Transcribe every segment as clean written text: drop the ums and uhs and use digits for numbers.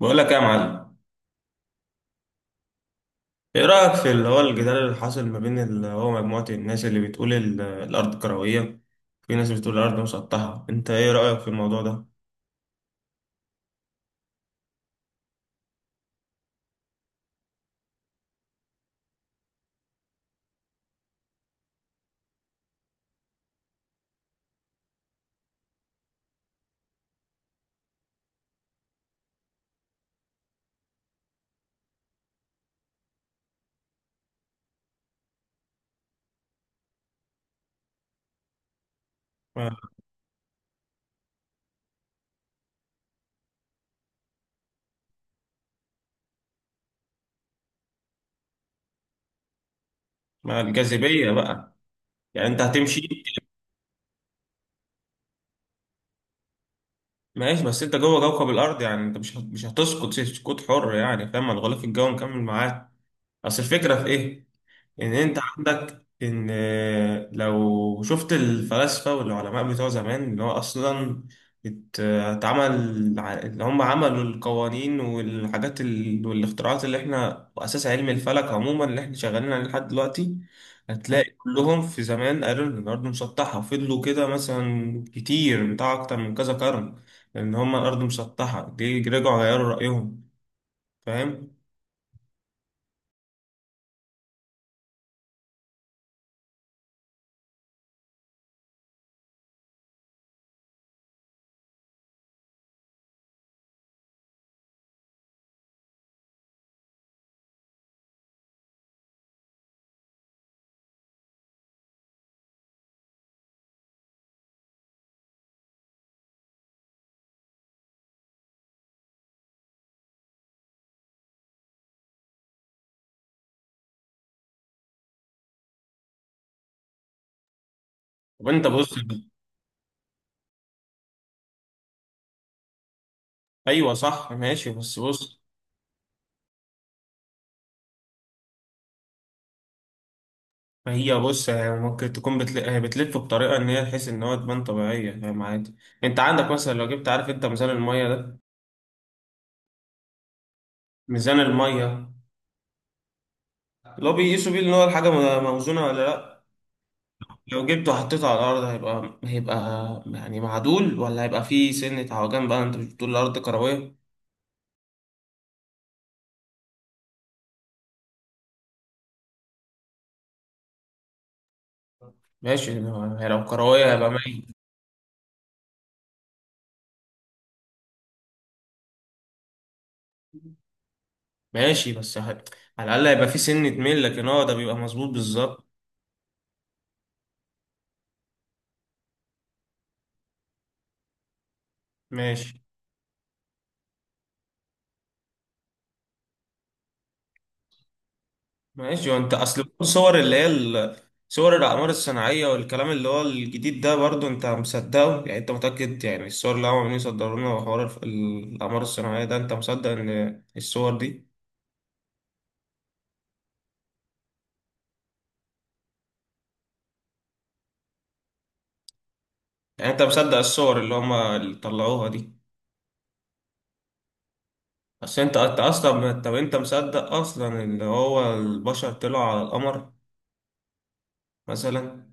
بقول لك إيه يا معلم. ايه رأيك في اللي هو الجدال اللي حاصل ما بين اللي هو مجموعة الناس اللي بتقول الأرض كروية؟ في ناس بتقول الأرض مسطحة، انت ايه رأيك في الموضوع ده؟ ما ما الجاذبية بقى. يعني انت هتمشي. ماشي، بس انت جوه كوكب الأرض، يعني انت مش هتسقط سقوط حر، يعني فاهم، الغلاف الجوي مكمل معاك. اصل الفكرة في ايه؟ ان انت عندك ان لو شفت الفلاسفة والعلماء بتوع زمان اللي هو اصلا اللي هم عملوا القوانين والحاجات والاختراعات اللي احنا واساس علم الفلك عموما اللي احنا شغالين عليه لحد دلوقتي. هتلاقي كلهم في زمان قالوا ان الارض مسطحة وفضلوا كده مثلا كتير بتاع اكتر من كذا قرن، ان هم الارض مسطحة دي رجعوا غيروا رأيهم، فاهم. طب انت بص. ايوه صح، ماشي بس بص. ما هي بص هي ممكن تكون هي بتلف بطريقه ان هي تحس ان هو تبان طبيعيه، فاهم، عادي. انت عندك مثلا لو جبت، عارف انت ميزان الميه ده؟ ميزان الميه، لو بيقيسوا بيه ان هو الحاجه موزونه ولا لا. لو جبته وحطيته على الارض هيبقى يعني معدول ولا هيبقى فيه سنه عوجان بقى؟ انت مش بتقول الارض كرويه؟ ماشي، لو كرويه هيبقى مايل. ماشي بس على الاقل هيبقى فيه سنه ميل، لكن هو ده بيبقى مظبوط بالظبط. ماشي ماشي وانت اصل الصور اللي هي صور الاعمار الصناعيه والكلام اللي هو الجديد ده برضو انت مصدقه؟ يعني انت متاكد يعني الصور اللي هم عمالين يصدروا لنا وحوار الاعمار الصناعيه ده انت مصدق ان الصور دي؟ يعني انت مصدق الصور اللي هم اللي طلعوها دي؟ اصل انت اصلا، طب انت مصدق اصلا ان هو البشر طلعوا على القمر مثلا؟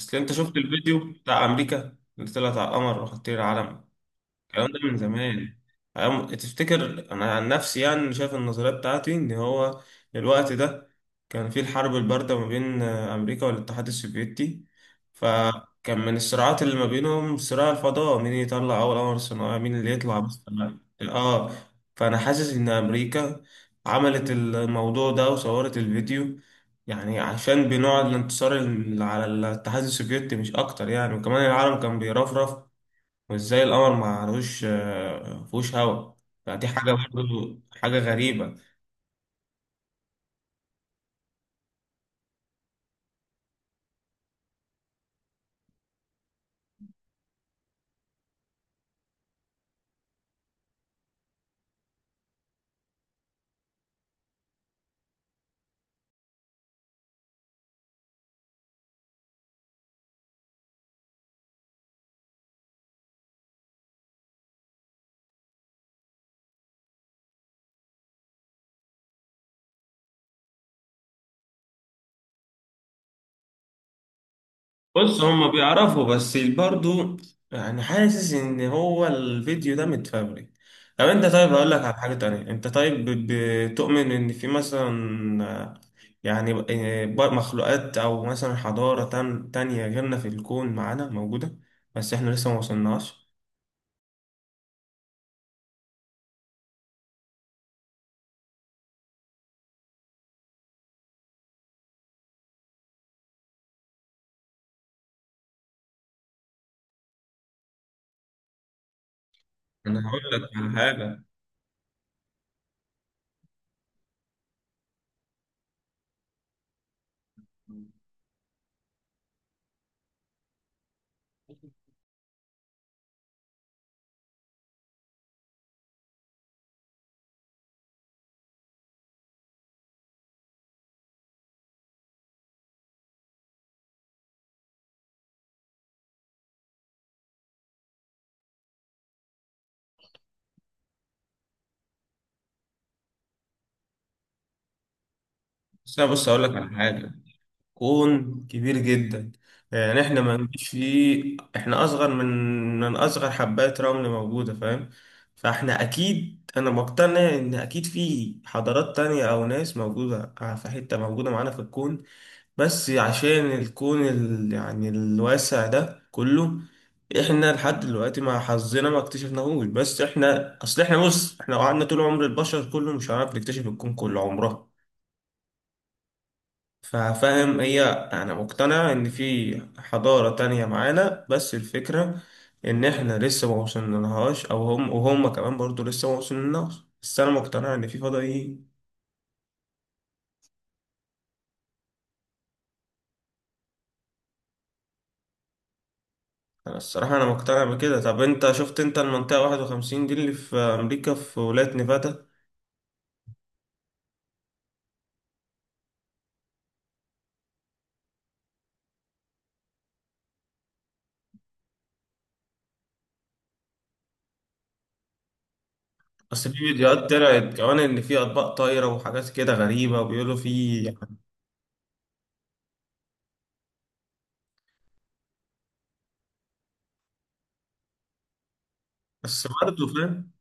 اصل انت شفت الفيديو بتاع امريكا اللي طلعت على القمر وحطيت العلم؟ الكلام ده من زمان. تفتكر، انا عن نفسي يعني شايف النظريه بتاعتي ان هو الوقت ده كان في الحرب البارده ما بين امريكا والاتحاد السوفيتي، فكان من الصراعات اللي ما بينهم صراع الفضاء، مين يطلع اول قمر صناعي، مين اللي يطلع بس. اه. فانا حاسس ان امريكا عملت الموضوع ده وصورت الفيديو يعني عشان بنوع الانتصار على الاتحاد السوفيتي مش اكتر يعني. وكمان العالم كان بيرفرف، وازاي القمر ما لهوش فيهوش هوا، فدي حاجة برضو حاجة غريبة. بص هما بيعرفوا بس برضو. يعني حاسس ان هو الفيديو ده متفبرك. طب انت، طيب هقول لك على حاجة تانية، انت طيب بتؤمن ان في مثلا آه، يعني مخلوقات او مثلا حضارة تانية غيرنا في الكون معانا موجودة بس احنا لسه ما وصلناش؟ انا هقول لك على حاجة بس انا بص هقول لك على حاجة. كون كبير جدا، يعني احنا ما نجيش فيه، احنا اصغر من اصغر حبات رمل موجودة، فاهم. فاحنا اكيد، انا مقتنع ان اكيد في حضارات تانية او ناس موجودة في حتة موجودة معانا في الكون، بس عشان الكون يعني الواسع ده كله احنا لحد دلوقتي مع حظنا ما اكتشفناهوش. بس احنا اصل احنا بص احنا لو قعدنا طول عمر البشر كله مش هنعرف نكتشف الكون كله عمره، ففاهم. هي انا مقتنع ان في حضارة تانية معانا، بس الفكرة ان احنا لسه ما وصلنالهاش، او هم وهم كمان برضو لسه ما وصلنالهاش، بس انا مقتنع ان في فضائيين. انا الصراحة انا مقتنع بكده. طب انت شفت انت المنطقة 51 دي اللي في امريكا في ولاية نيفادا؟ اصل في فيديوهات طلعت كمان ان في اطباق طايرة وحاجات كده غريبة وبيقولوا في. بس برضه فاهم.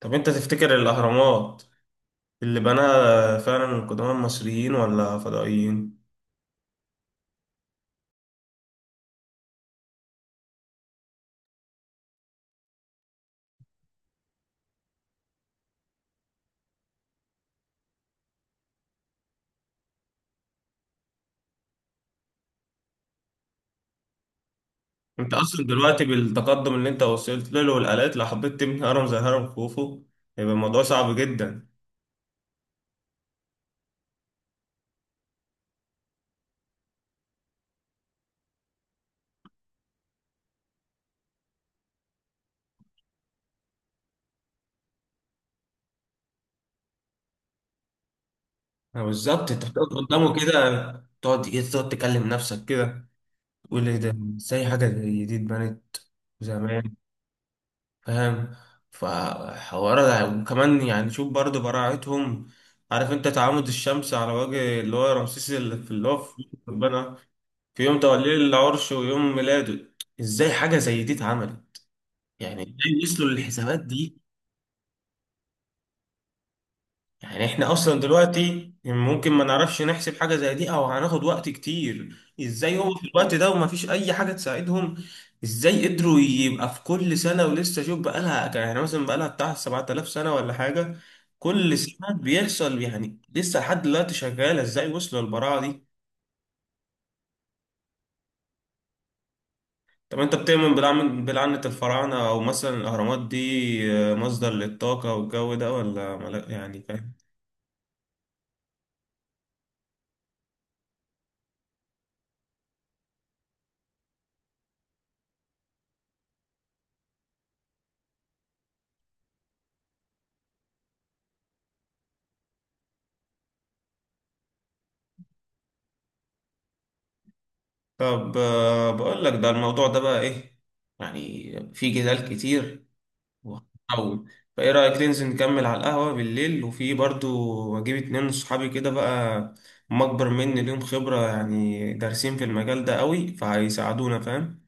طب انت تفتكر الاهرامات اللي بناها فعلا القدماء المصريين ولا فضائيين؟ انت اصلا دلوقتي بالتقدم اللي انت وصلت له والالات، لو حبيت تبني هرم زي هرم خوفو هيبقى الموضوع صعب جدا. اه بالظبط. انت بتقعد قدامه كده، تقعد ايه، تقعد تكلم نفسك كده، تقول ايه ده، ازاي حاجه زي دي اتبنت زمان، فاهم. فحوار ده. وكمان يعني شوف برضه براعتهم. عارف انت تعامد الشمس على وجه اللي هو رمسيس اللي في اللي هو في ربنا في يوم توليه العرش ويوم ميلاده؟ ازاي حاجه زي دي اتعملت؟ يعني ازاي وصلوا للحسابات دي؟ يعني احنا اصلا دلوقتي ممكن ما نعرفش نحسب حاجة زي دي او هناخد وقت كتير. ازاي هو في الوقت ده وما فيش اي حاجة تساعدهم؟ ازاي قدروا يبقى في كل سنة، ولسه شوف، بقالها يعني مثلا بقالها بتاع 7000 سنة ولا حاجة، كل سنة بيحصل، يعني لسه لحد دلوقتي شغالة. ازاي وصلوا للبراعة دي؟ طب انت بتؤمن بلعنة الفراعنة، او مثلا الاهرامات دي مصدر للطاقة والجو ده، ولا يعني فاهم؟ طب بقول لك ده الموضوع ده بقى ايه، يعني في جدال كتير وهنطول. فايه رأيك ننزل نكمل على القهوة بالليل، وفي برضو اجيب اتنين من صحابي كده بقى، هم اكبر مني ليهم خبرة يعني دارسين في المجال ده قوي، فهيساعدونا فاهم.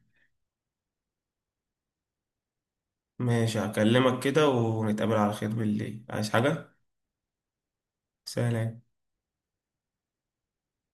ماشي هكلمك كده ونتقابل على خير بالليل، عايز حاجة؟ سلام.